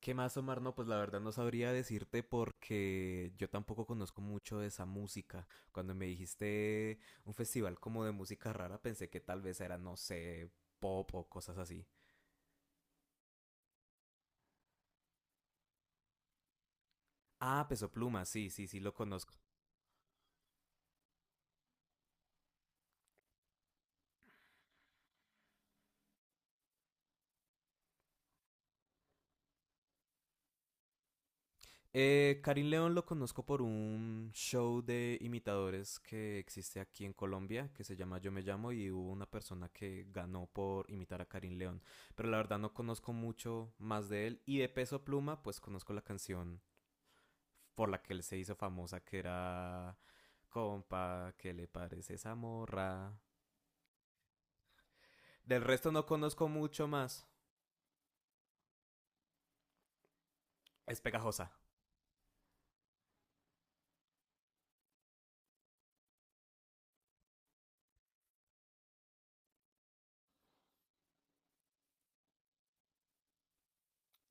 ¿Qué más, Omar? No, pues la verdad no sabría decirte porque yo tampoco conozco mucho de esa música. Cuando me dijiste un festival como de música rara, pensé que tal vez era, no sé, pop o cosas así. Ah, Peso Pluma, sí, sí, sí, lo conozco. Karim León lo conozco por un show de imitadores que existe aquí en Colombia, que se llama Yo Me Llamo, y hubo una persona que ganó por imitar a Karim León. Pero la verdad no conozco mucho más de él. Y de Peso Pluma, pues conozco la canción por la que él se hizo famosa, que era compa, ¿qué le parece esa morra? Del resto no conozco mucho más. Es pegajosa.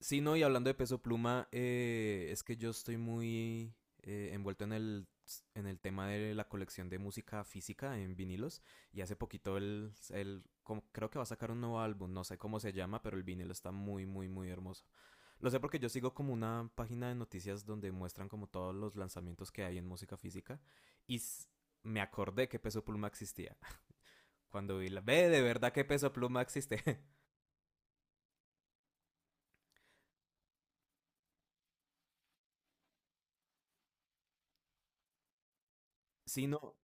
Sí, no, y hablando de Peso Pluma, es que yo estoy muy envuelto en el tema de la colección de música física en vinilos. Y hace poquito creo que va a sacar un nuevo álbum, no sé cómo se llama, pero el vinilo está muy, muy, muy hermoso. Lo sé porque yo sigo como una página de noticias donde muestran como todos los lanzamientos que hay en música física y me acordé que Peso Pluma existía. Ve, de verdad que Peso Pluma existe. Sí, no,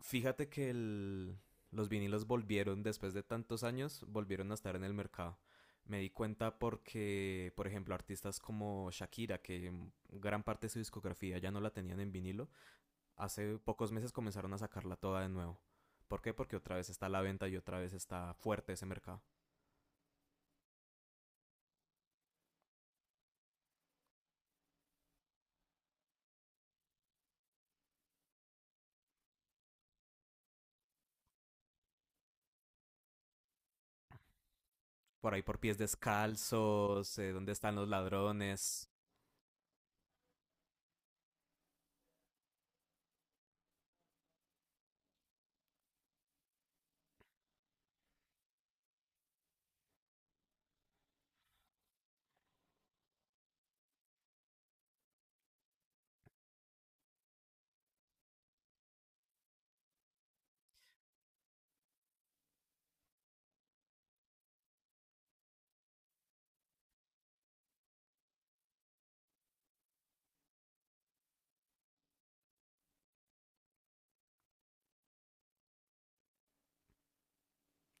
fíjate que los vinilos volvieron después de tantos años, volvieron a estar en el mercado. Me di cuenta porque, por ejemplo, artistas como Shakira, que gran parte de su discografía ya no la tenían en vinilo, hace pocos meses comenzaron a sacarla toda de nuevo. ¿Por qué? Porque otra vez está a la venta y otra vez está fuerte ese mercado. Por ahí por Pies Descalzos, ¿dónde están los ladrones?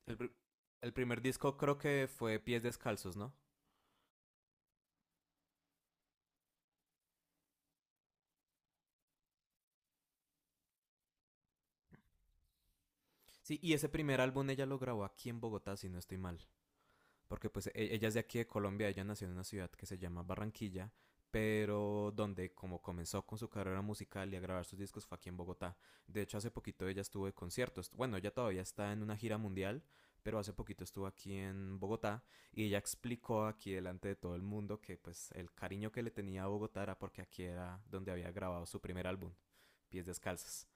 El, pr- el primer disco creo que fue Pies Descalzos, ¿no? Sí, y ese primer álbum ella lo grabó aquí en Bogotá, si no estoy mal. Porque pues ella es de aquí de Colombia, ella nació en una ciudad que se llama Barranquilla, pero donde como comenzó con su carrera musical y a grabar sus discos fue aquí en Bogotá. De hecho, hace poquito ella estuvo de conciertos. Bueno, ella todavía está en una gira mundial, pero hace poquito estuvo aquí en Bogotá y ella explicó aquí delante de todo el mundo que pues el cariño que le tenía a Bogotá era porque aquí era donde había grabado su primer álbum, Pies Descalzos.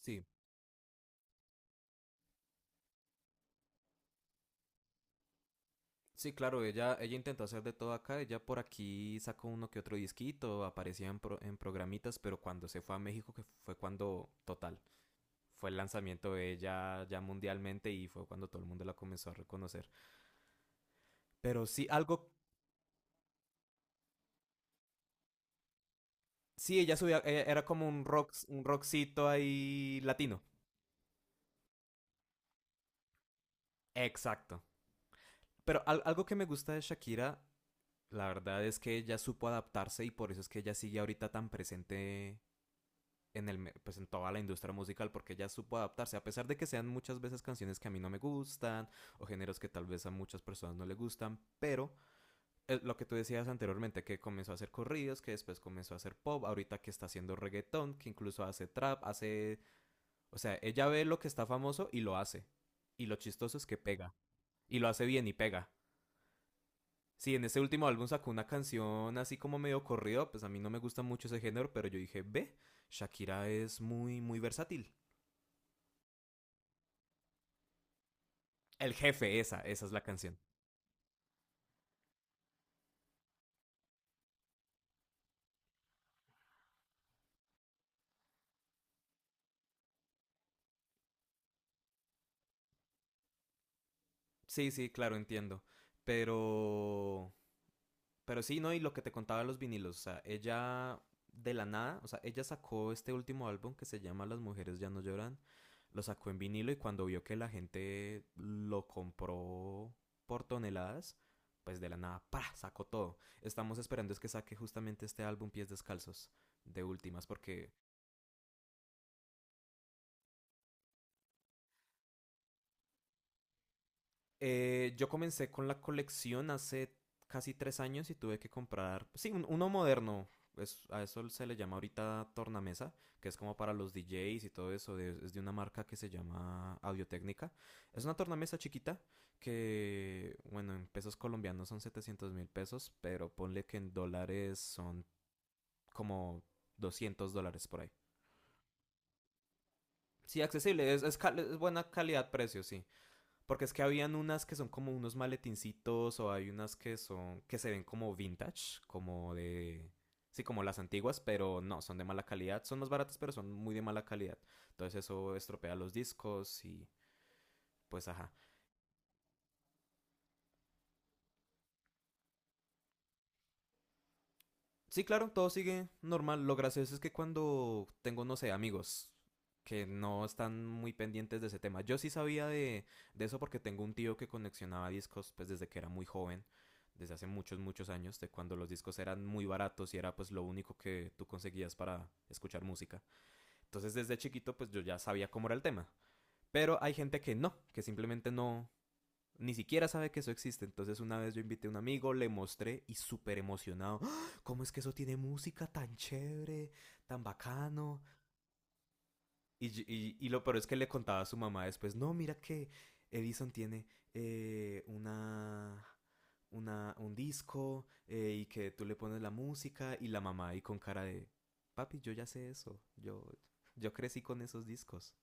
Sí. Sí, claro, ella intentó hacer de todo acá, ella por aquí sacó uno que otro disquito, aparecía en programitas, pero cuando se fue a México, que fue cuando, total, fue el lanzamiento de ella ya mundialmente y fue cuando todo el mundo la comenzó a reconocer. Pero sí, algo, sí, ella subía, ella era como un rock, un rockcito ahí latino. Exacto. Pero algo que me gusta de Shakira, la verdad es que ella supo adaptarse y por eso es que ella sigue ahorita tan presente en, el, pues en toda la industria musical porque ella supo adaptarse, a pesar de que sean muchas veces canciones que a mí no me gustan o géneros que tal vez a muchas personas no le gustan, pero lo que tú decías anteriormente, que comenzó a hacer corridos, que después comenzó a hacer pop, ahorita que está haciendo reggaetón, que incluso hace trap, hace... O sea, ella ve lo que está famoso y lo hace. Y lo chistoso es que pega. Y lo hace bien y pega. Sí, en ese último álbum sacó una canción así como medio corrido, pues a mí no me gusta mucho ese género, pero yo dije, ve, Shakira es muy, muy versátil. El jefe, esa es la canción. Sí, sí, claro, entiendo. Pero, pero sí, ¿no? Y lo que te contaba de los vinilos, o sea, ella de la nada, o sea, ella sacó este último álbum que se llama Las mujeres ya no lloran, lo sacó en vinilo y cuando vio que la gente lo compró por toneladas, pues de la nada, ¡pa! Sacó todo. Estamos esperando es que saque justamente este álbum Pies Descalzos de últimas, porque yo comencé con la colección hace casi 3 años y tuve que comprar, sí, uno moderno. Es, a eso se le llama ahorita tornamesa, que es como para los DJs y todo eso. Es de una marca que se llama Audio-Técnica. Es una tornamesa chiquita que, bueno, en pesos colombianos son 700.000 pesos, pero ponle que en dólares son como $200 por ahí. Sí, accesible, es buena calidad-precio, sí. Porque es que habían unas que son como unos maletincitos o hay unas que son que se ven como vintage, como de sí, como las antiguas, pero no, son de mala calidad, son más baratas pero son muy de mala calidad. Entonces eso estropea los discos y pues ajá. Sí, claro, todo sigue normal. Lo gracioso es que cuando tengo, no sé, amigos que no están muy pendientes de ese tema. Yo sí sabía de eso porque tengo un tío que coleccionaba discos pues desde que era muy joven, desde hace muchos, muchos años, de cuando los discos eran muy baratos y era pues lo único que tú conseguías para escuchar música. Entonces desde chiquito pues yo ya sabía cómo era el tema. Pero hay gente que no, que simplemente no, ni siquiera sabe que eso existe. Entonces una vez yo invité a un amigo, le mostré y súper emocionado. ¡Ah! ¿Cómo es que eso tiene música tan chévere, tan bacano? Y, y lo peor es que le contaba a su mamá después, no, mira que Edison tiene eh, una, un disco y que tú le pones la música y la mamá ahí con cara de, papi, yo ya sé eso, yo crecí con esos discos.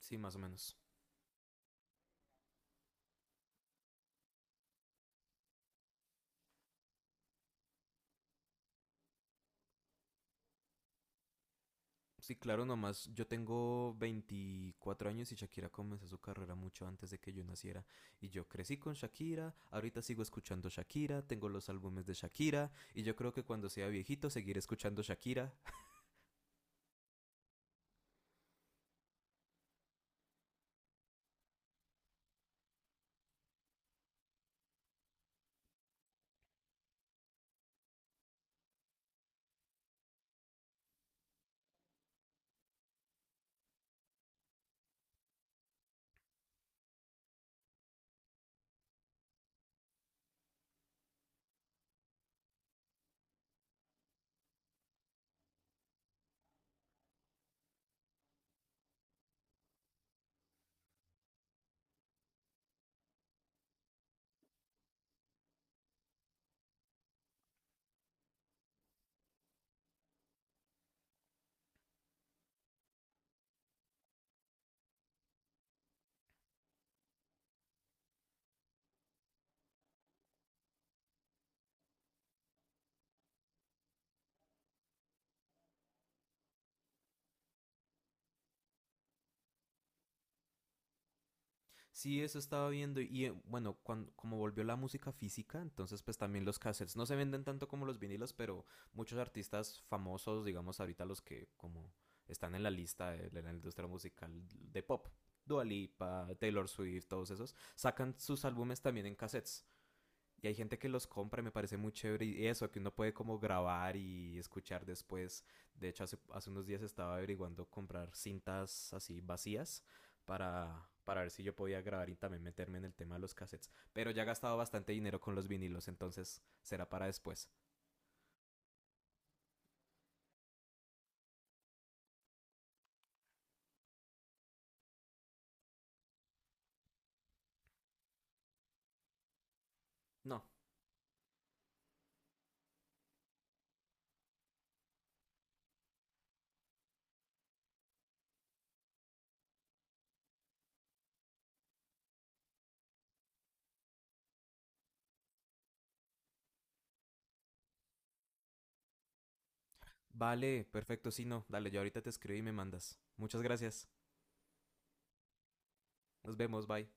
Sí, más o menos. Sí, claro, nomás yo tengo 24 años y Shakira comenzó su carrera mucho antes de que yo naciera. Y yo crecí con Shakira, ahorita sigo escuchando Shakira, tengo los álbumes de Shakira y yo creo que cuando sea viejito seguiré escuchando Shakira. Sí, eso estaba viendo y bueno, cuando como volvió la música física, entonces pues también los cassettes no se venden tanto como los vinilos, pero muchos artistas famosos, digamos ahorita los que como están en la lista de la industria musical de pop, Dua Lipa, Taylor Swift, todos esos, sacan sus álbumes también en cassettes. Y hay gente que los compra y me parece muy chévere. Y eso, que uno puede como grabar y escuchar después. De hecho, hace unos días estaba averiguando comprar cintas así vacías para ver si yo podía grabar y también meterme en el tema de los cassettes. Pero ya he gastado bastante dinero con los vinilos, entonces será para después. No. Vale, perfecto, sí, no. Dale, yo ahorita te escribo y me mandas. Muchas gracias. Nos vemos, bye.